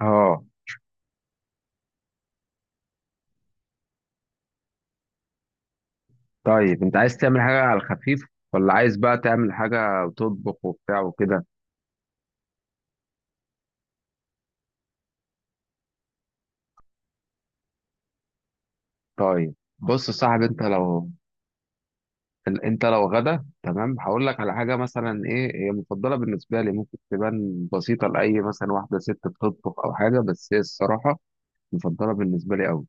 اه. طيب انت عايز تعمل حاجة على الخفيف، ولا عايز بقى تعمل حاجة وتطبخ وبتاع وكده؟ طيب بص يا صاحبي، انت لو انت لو غدا تمام، هقول لك على حاجة مثلا. ايه هي؟ مفضلة بالنسبة لي. ممكن تبان بسيطة لأي مثلا واحدة ست بتطبخ أو حاجة، بس هي الصراحة مفضلة بالنسبة لي أوي.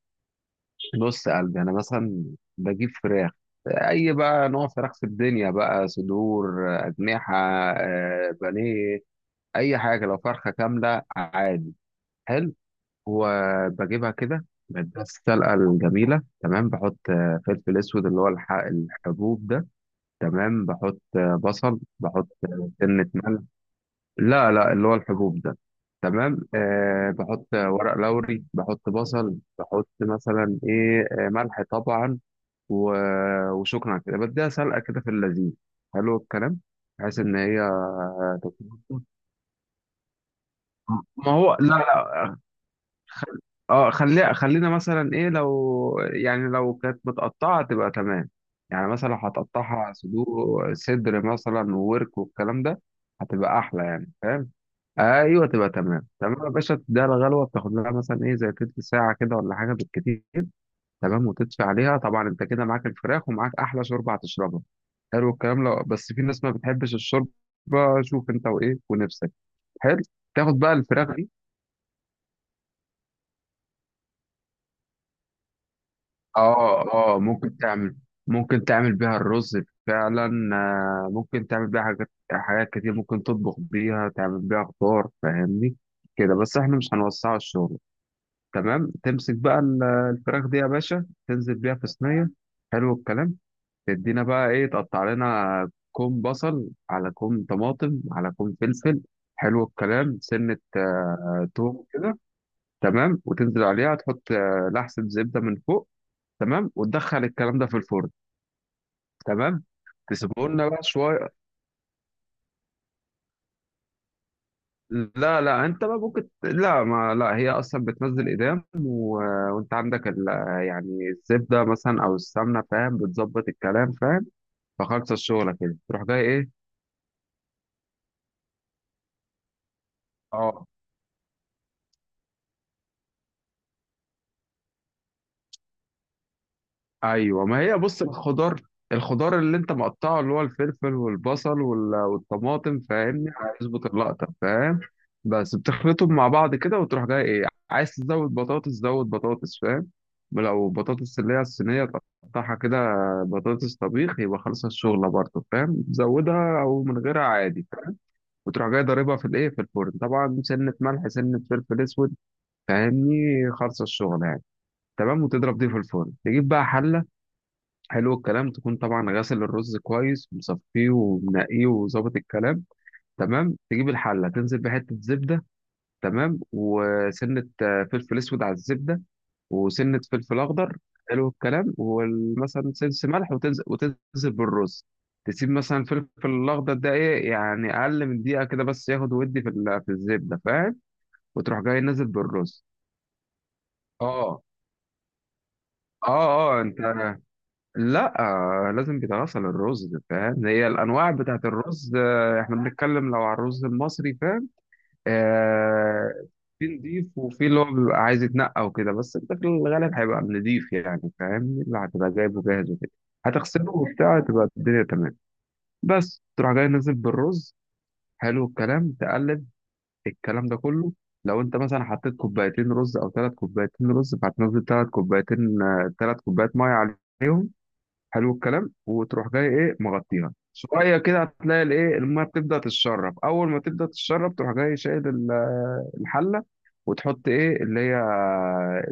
بص يا قلبي، أنا مثلا بجيب فراخ، أي بقى نوع فراخ في الدنيا، بقى صدور، أجنحة، بانيه، أي حاجة، لو فرخة كاملة عادي. حلو. وبجيبها كده من السلقة الجميلة، تمام. بحط فلفل أسود، اللي هو الحبوب ده، تمام. بحط بصل، بحط سنة ملح. لا لا، اللي هو الحبوب ده. تمام. أه بحط ورق لوري، بحط بصل، بحط مثلا إيه، ملح طبعا، وشكرا. على كده بديها سلقة كده في اللذيذ. حلو الكلام، بحيث إن هي تتوصل. ما هو لا لا، خل... خلينا مثلا ايه، لو يعني لو كانت متقطعة تبقى تمام. يعني مثلا لو هتقطعها صدور، صدر مثلا وورك والكلام ده، هتبقى احلى يعني، فاهم؟ ايوه تبقى تمام. تمام يا باشا، تديها الغلوه، بتاخد لها مثلا ايه، زي تلت ساعه كده ولا حاجه بالكتير. تمام، وتدفي عليها طبعا. انت كده معاك الفراخ، ومعاك احلى شوربه هتشربها. حلو الكلام. لو بس في ناس ما بتحبش الشوربه، شوف انت وايه ونفسك. حلو. تاخد بقى الفراخ. اه. اه ممكن تعمل، ممكن تعمل بيها الرز، فعلا. ممكن تعمل بيها حاجات، كتير، ممكن تطبخ بيها، تعمل بيها خضار، فاهمني؟ كده بس، احنا مش هنوسعه الشغل. تمام، تمسك بقى الفراخ دي يا باشا، تنزل بيها في صينية. حلو الكلام، تدينا بقى ايه، تقطع لنا كوم بصل على كوم طماطم على كوم فلفل. حلو الكلام، سنة توم كده. تمام، وتنزل عليها، تحط لحسة زبدة من فوق. تمام، وتدخل الكلام ده في الفرن. تمام، تسيبه لنا بقى شويه. لا لا، انت بقى ممكن، لا ما لا، هي اصلا بتنزل ايدام، و... وانت عندك ال... يعني الزبده مثلا او السمنه، فاهم؟ بتظبط الكلام، فاهم؟ فخلص الشغله كده، تروح جاي ايه. اه ايوه، ما هي بص، الخضار، الخضار اللي انت مقطعه، اللي هو الفلفل والبصل والطماطم، فاهمني؟ هيظبط اللقطه، فاهم؟ بس بتخلطهم مع بعض كده، وتروح جاي ايه، عايز تزود بطاطس زود بطاطس، فاهم؟ لو بطاطس اللي هي الصينيه، تقطعها كده، بطاطس طبيخ، يبقى خلص الشغله برضه، فاهم؟ تزودها او من غيرها عادي، فاهم؟ وتروح جاي ضاربها في الايه، في الفرن طبعا، سنه ملح سنه فلفل اسود، فاهمني؟ خلص الشغله يعني. تمام، وتضرب دي في الفرن، تجيب بقى حله. حلو الكلام. تكون طبعا غاسل الرز كويس، مصفيه ومنقيه وظابط الكلام. تمام، تجيب الحله، تنزل بحته زبده، تمام، وسنه فلفل اسود على الزبده، وسنه فلفل اخضر. حلو الكلام، ومثلا سنس ملح، وتنزل وتنزل بالرز. تسيب مثلا الفلفل الاخضر ده ايه، يعني اقل من دقيقه كده بس، ياخد ودي في في الزبده، فاهم؟ وتروح جاي نازل بالرز. اه. اه اه انت، لا، لازم بدراسة للرز، فاهم؟ هي الأنواع بتاعت الرز، إحنا بنتكلم لو على الرز المصري، فاهم؟ آه، في نضيف، وفي اللي هو بيبقى عايز يتنقى وكده، بس أنت في الغالب هيبقى نضيف يعني، فاهم؟ اللي هتبقى جايبه جاهز وكده، هتغسله وبتاع، تبقى الدنيا تمام. بس تروح جاي نازل بالرز. حلو الكلام، تقلب الكلام ده كله. لو انت مثلا حطيت كوبايتين رز او ثلاث كوبايتين رز، فهتنزل ثلاث كوبايتين، ثلاث كوبايات ميه عليهم. حلو الكلام، وتروح جاي ايه، مغطيها شويه كده، هتلاقي الايه الميه بتبدا تتشرب، اول ما تبدا تتشرب تروح جاي شايل الحله، وتحط ايه اللي هي،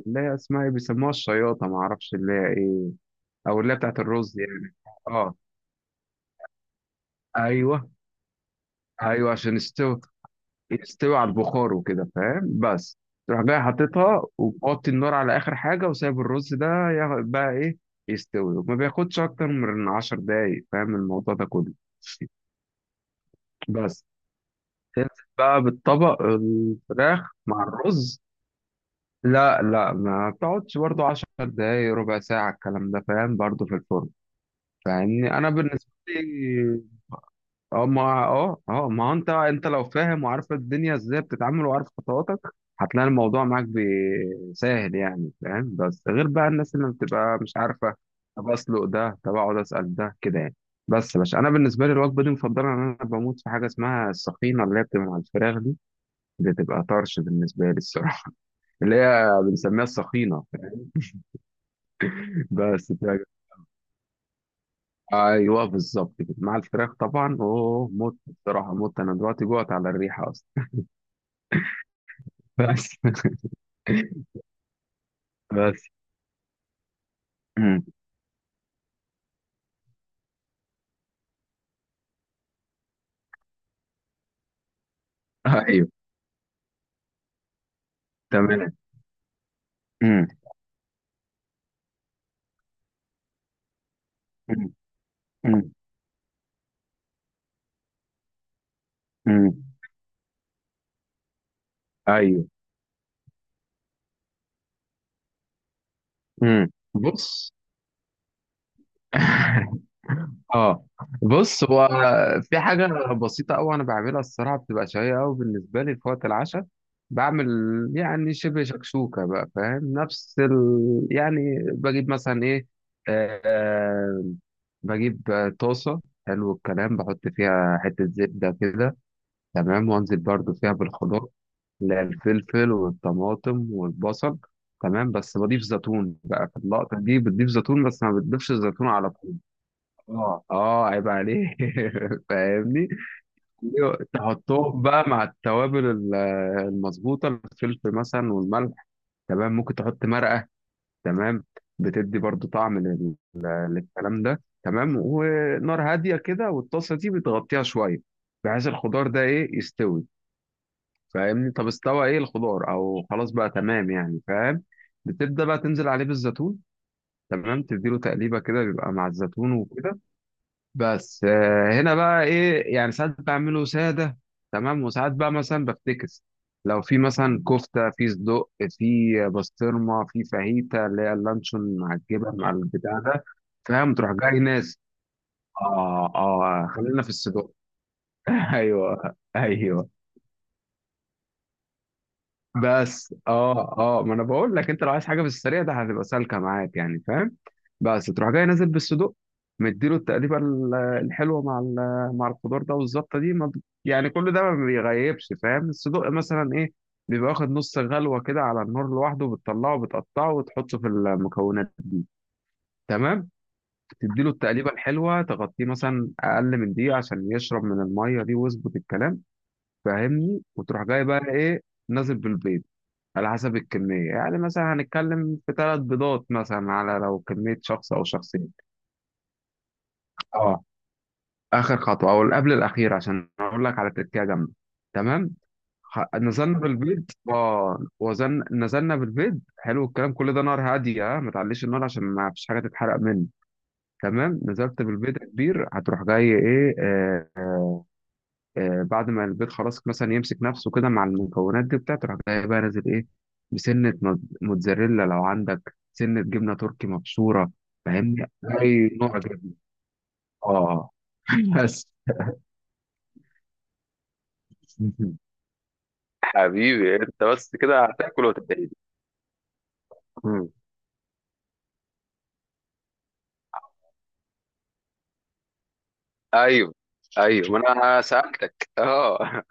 اللي هي اسمها ايه، بيسموها الشياطه، ما اعرفش اللي هي ايه، او اللي هي بتاعت الرز يعني. اه ايوه، ايوه عشان يستوي، يستوي على البخار وكده، فاهم؟ بس تروح جاي حاططها، وتحط النار على اخر حاجه، وسايب الرز ده بقى ايه يستوي، وما بياخدش اكتر من 10 دقايق، فاهم الموضوع ده كله. بس تنزل بقى بالطبق الفراخ مع الرز. لا لا، ما بتقعدش برضو، عشر دقايق ربع ساعة الكلام ده، فاهم، برضو في الفرن. فاهمني؟ أنا بالنسبة لي، اه ما ما هو أنت، أنت لو فاهم وعارف الدنيا إزاي بتتعامل وعارف خطواتك، هتلاقي الموضوع معاك سهل يعني، فاهم؟ بس غير بقى الناس اللي بتبقى مش عارفة، طب أسلق ده، طب أقعد أسأل ده كده يعني. بس يا باشا، أنا بالنسبة لي الوجبة دي مفضلة، إن أنا بموت في حاجة اسمها السخينة، اللي هي بتبقى مع الفراخ دي، بتبقى طرش بالنسبة لي الصراحة، اللي هي بنسميها السخينة. بس بتاع- ايوه بالظبط كده، مع الفراخ طبعا، اوه مت الصراحة، مت. انا دلوقتي جوعت على الريحة اصلا. بس. بس. مم. ايوه تمام. مم. مم. مم. مم. ايوه. مم. بص. اه بص هو، في حاجة بسيطة أوي أنا بعملها، الصراحة بتبقى شهية أوي بالنسبة لي في وقت العشاء. بعمل يعني شبه شكشوكة بقى، فاهم؟ نفس ال... يعني بجيب مثلا إيه، آه، بجيب طاسة. حلو الكلام، بحط فيها حتة زبدة كده، تمام، وأنزل برضو فيها بالخضار، اللي هي الفلفل والطماطم والبصل. تمام، بس بضيف زيتون بقى في اللقطة دي، بتضيف زيتون بس ما بتضيفش الزيتون على طول. اه اه عيب عليه. فاهمني؟ تحطهم بقى مع التوابل المظبوطه، الفلفل مثلا والملح، تمام. ممكن تحط مرقه، تمام، بتدي برضو طعم للكلام ده، تمام. ونار هاديه كده، والطاسه دي بتغطيها شويه، بحيث الخضار ده ايه يستوي، فاهمني؟ طب استوى ايه الخضار او خلاص بقى تمام يعني، فاهم؟ بتبدا بقى تنزل عليه بالزيتون. تمام، تديله تقليبه كده، بيبقى مع الزيتون وكده. بس هنا بقى ايه، يعني ساعات بعمله ساده، تمام. وساعات بقى مثلا بفتكس، لو في مثلا كفته، في صدق، في بسطرمه، في فاهيتا، اللي هي اللانشون مع الجبن مع البتاع ده، فاهم؟ تروح جاي ناس، اه اه خلينا في الصدق. ايوه ايوه. بس ما انا بقول لك، انت لو عايز حاجه في السريع ده هتبقى سالكه معاك يعني، فاهم؟ بس تروح جاي نازل بالصدوق، مديله التقليبه الحلوه مع مع الخضار ده، والزبطه دي ما ب- يعني كل ده ما بيغيبش، فاهم؟ الصدوق مثلا ايه، بيبقى واخد نص غلوه كده على النار لوحده، بتطلعه بتقطعه وتحطه في المكونات دي. تمام، تديله التقليبه الحلوه، تغطيه مثلا اقل من دقيقه عشان يشرب من الميه دي ويظبط الكلام، فاهمني؟ وتروح جاي بقى ايه، نازل بالبيض، على حسب الكمية يعني، مثلا هنتكلم في ثلاث بيضات مثلا، على لو كمية شخص أو شخصين. اه، آخر خطوة أو قبل الأخير، عشان أقول لك على تركية جامدة. تمام، نزلنا بالبيض، اه وزن نزلنا بالبيض. حلو الكلام، كل ده نار هادية، اه ما تعليش النار عشان ما فيش حاجة تتحرق منه. تمام، نزلت بالبيض يا كبير، هتروح جاي ايه، بعد ما البيض خلاص مثلا يمسك نفسه كده مع المكونات دي بتاعته، تروح جاي بقى نازل ايه، بسنة موتزاريلا، لو عندك سنة جبنة تركي مبشورة، فاهمني؟ أي نوع جبنة. اه. بس حبيبي، انت بس كده هتاكل وتدعي. مم. ايوه ايوه، ما انا سالتك. اه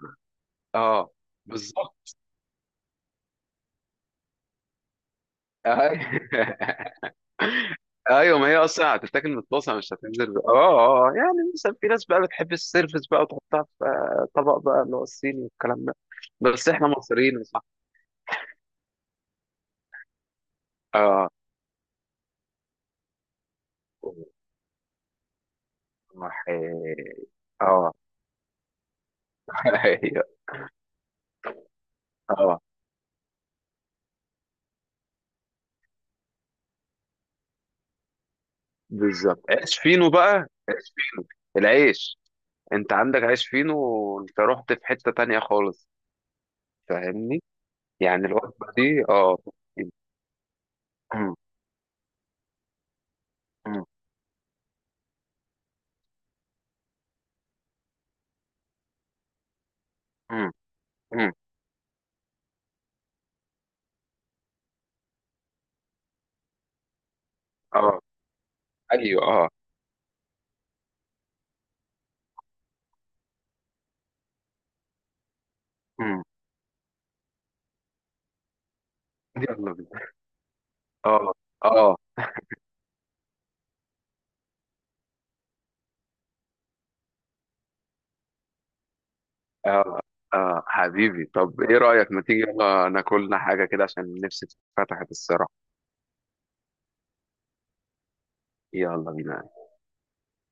اه بالظبط. أيوة. ايوه، ما هي اصلا هتتاكل متطاسه، مش هتنزل. اه اه آه. يعني مثلا في ناس بقى بتحب السيرفس بقى، وتحطها في طبق بقى، اللي هو الصيني والكلام ده. بس احنا مصريين صح. اه. وح- اه. أيوة. اه بالظبط، عيش فينو بقى، العيش. انت عندك عيش فينو، وانت رحت في حتة تانية خالص، فاهمني؟ يعني الوجبة دي اه. أمم، أمم، أمم، أمم. اه ايوه اه. أمم. يلا بينا. اه اه اه اه حبيبي، طب ايه رأيك ما تيجي يلا ناكلنا حاجة كده، عشان نفسي اتفتحت الصراحة. يلا بينا.